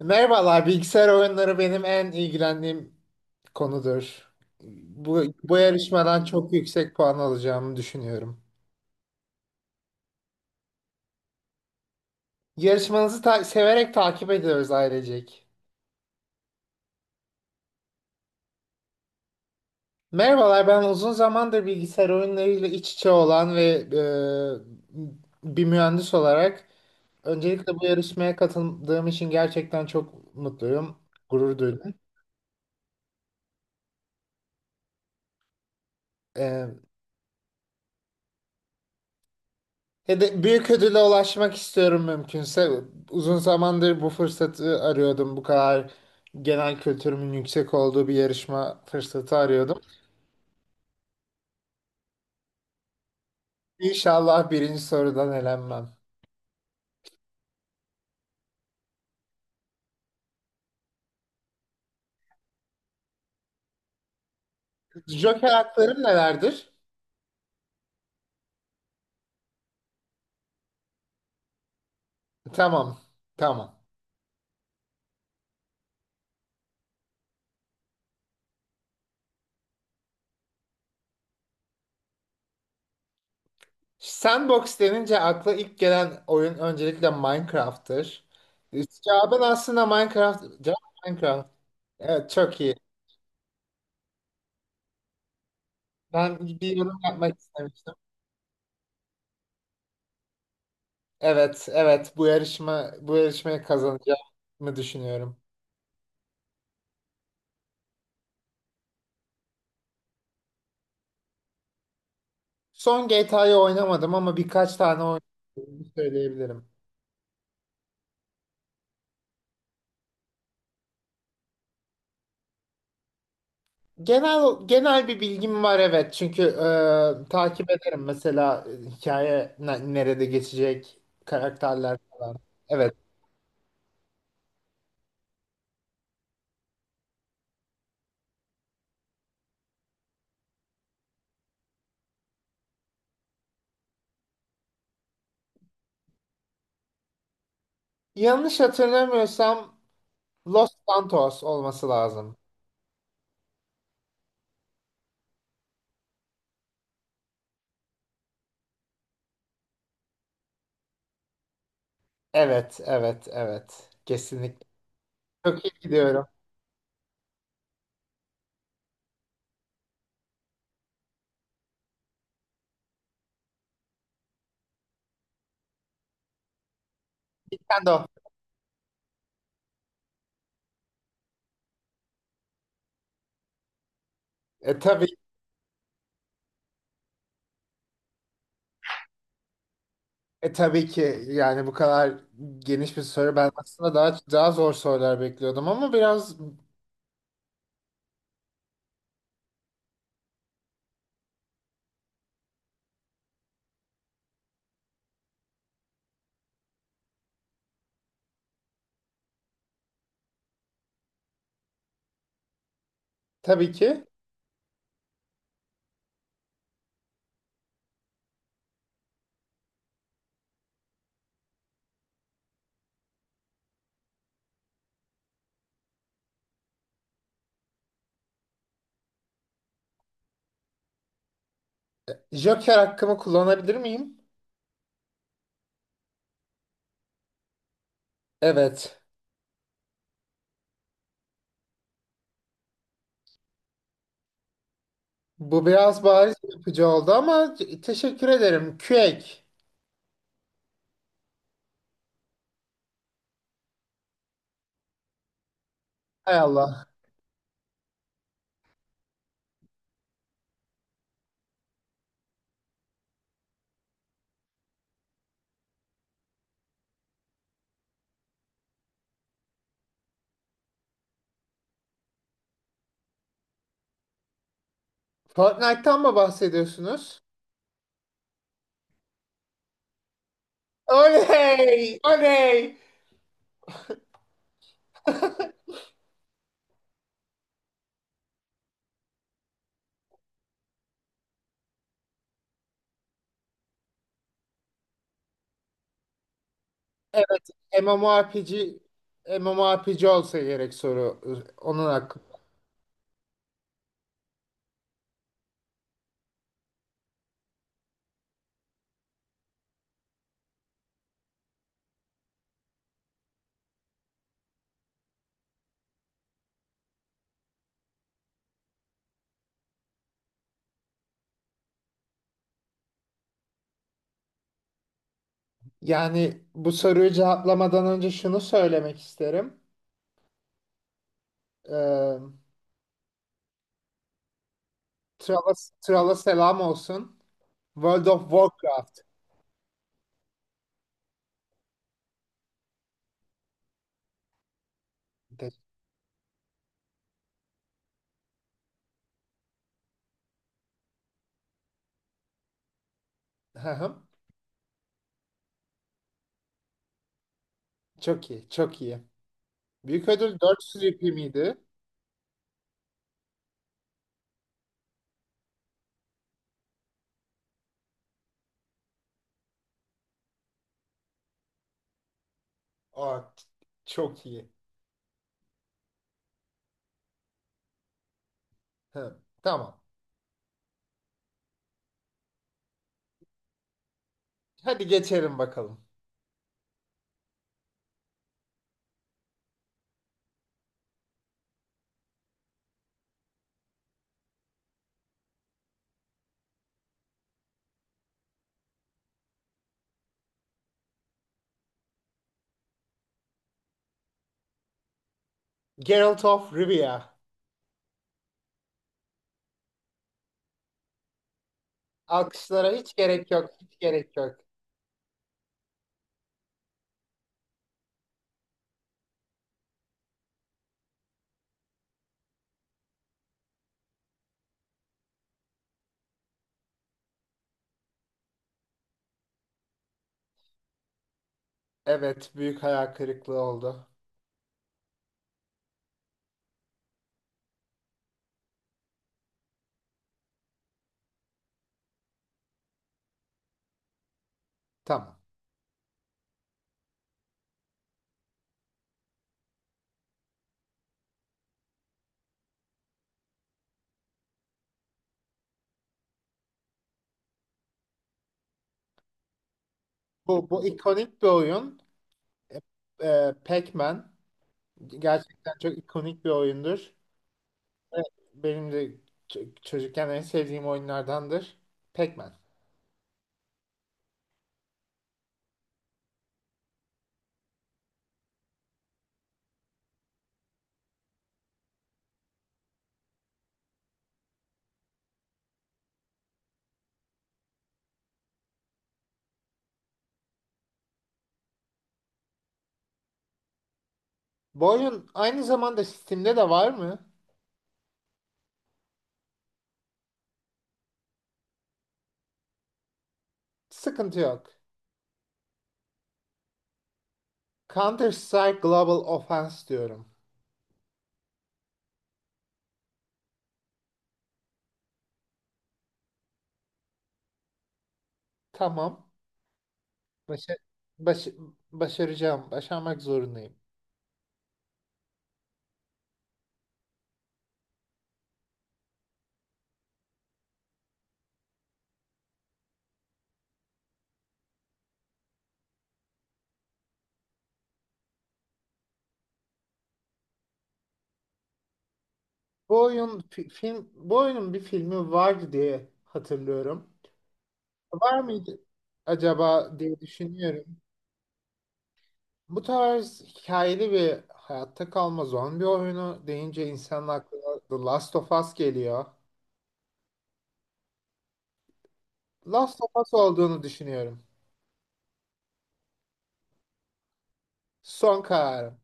Merhabalar, bilgisayar oyunları benim en ilgilendiğim konudur. Bu yarışmadan çok yüksek puan alacağımı düşünüyorum. Yarışmanızı severek takip ediyoruz ailecek. Merhabalar, ben uzun zamandır bilgisayar oyunlarıyla iç içe olan ve bir mühendis olarak öncelikle bu yarışmaya katıldığım için gerçekten çok mutluyum, gurur duydum. E, Ya büyük ödüle ulaşmak istiyorum mümkünse. Uzun zamandır bu fırsatı arıyordum. Bu kadar genel kültürümün yüksek olduğu bir yarışma fırsatı arıyordum. İnşallah birinci sorudan elenmem. Joker haklarım nelerdir? Tamam, tamam. Sandbox denince akla ilk gelen oyun öncelikle Minecraft'tır. Cevabın aslında Minecraft. Cevap Minecraft. Evet, çok iyi. Ben bir yorum yapmak istemiştim. Evet, evet. Bu yarışmayı kazanacağımı düşünüyorum. Son GTA'yı oynamadım ama birkaç tane oynadığımı söyleyebilirim. Genel bir bilgim var, evet. Çünkü takip ederim mesela hikaye nerede geçecek, karakterler falan. Evet. Yanlış hatırlamıyorsam Los Santos olması lazım. Evet, evet, evet. Kesinlikle. Çok iyi gidiyorum. Sen de o. Tabii. Tabii ki yani bu kadar geniş bir soru. Ben aslında daha zor sorular bekliyordum ama biraz, tabii ki. Joker hakkımı kullanabilir miyim? Evet. Bu biraz bariz yapıcı oldu ama teşekkür ederim. Quake. Hay Allah. Fortnite'tan mı bahsediyorsunuz? Oley! Oley! Evet. MMORPG MMORPG olsa gerek soru. Onun hakkı. Yani bu soruyu cevaplamadan önce şunu söylemek isterim. Ee, Trala, Trala selam olsun. World of Warcraft. De- Hı hı. Çok iyi, çok iyi. Büyük ödül 400 ipi miydi? Aa, çok iyi. Hı, tamam. Hadi geçelim bakalım. Geralt of Rivia. Alkışlara hiç gerek yok, hiç gerek yok. Evet, büyük hayal kırıklığı oldu. Tamam. Bu ikonik bir oyun. E, Pac-Man gerçekten çok ikonik bir oyundur. Evet, benim de çocukken en sevdiğim oyunlardandır. Pac-Man. Bu oyun aynı zamanda Steam'de de var mı? Sıkıntı yok. Counter-Strike Global Offense diyorum. Tamam. Başa- baş- Başaracağım. Başarmak zorundayım. Bu oyunun bir filmi vardı diye hatırlıyorum. Var mıydı acaba diye düşünüyorum. Bu tarz hikayeli bir hayatta kalma zombi oyunu deyince insanın aklına The Last of Us geliyor. Last of Us olduğunu düşünüyorum. Son kararım,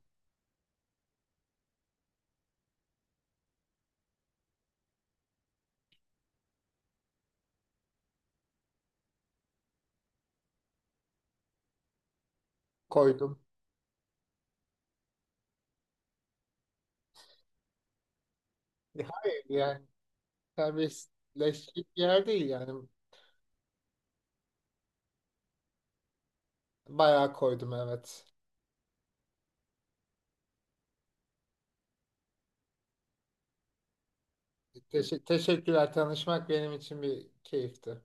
koydum. Hayır, yani serbestleşik bir yer değil yani. Bayağı koydum, evet. Teşekkürler, tanışmak benim için bir keyifti.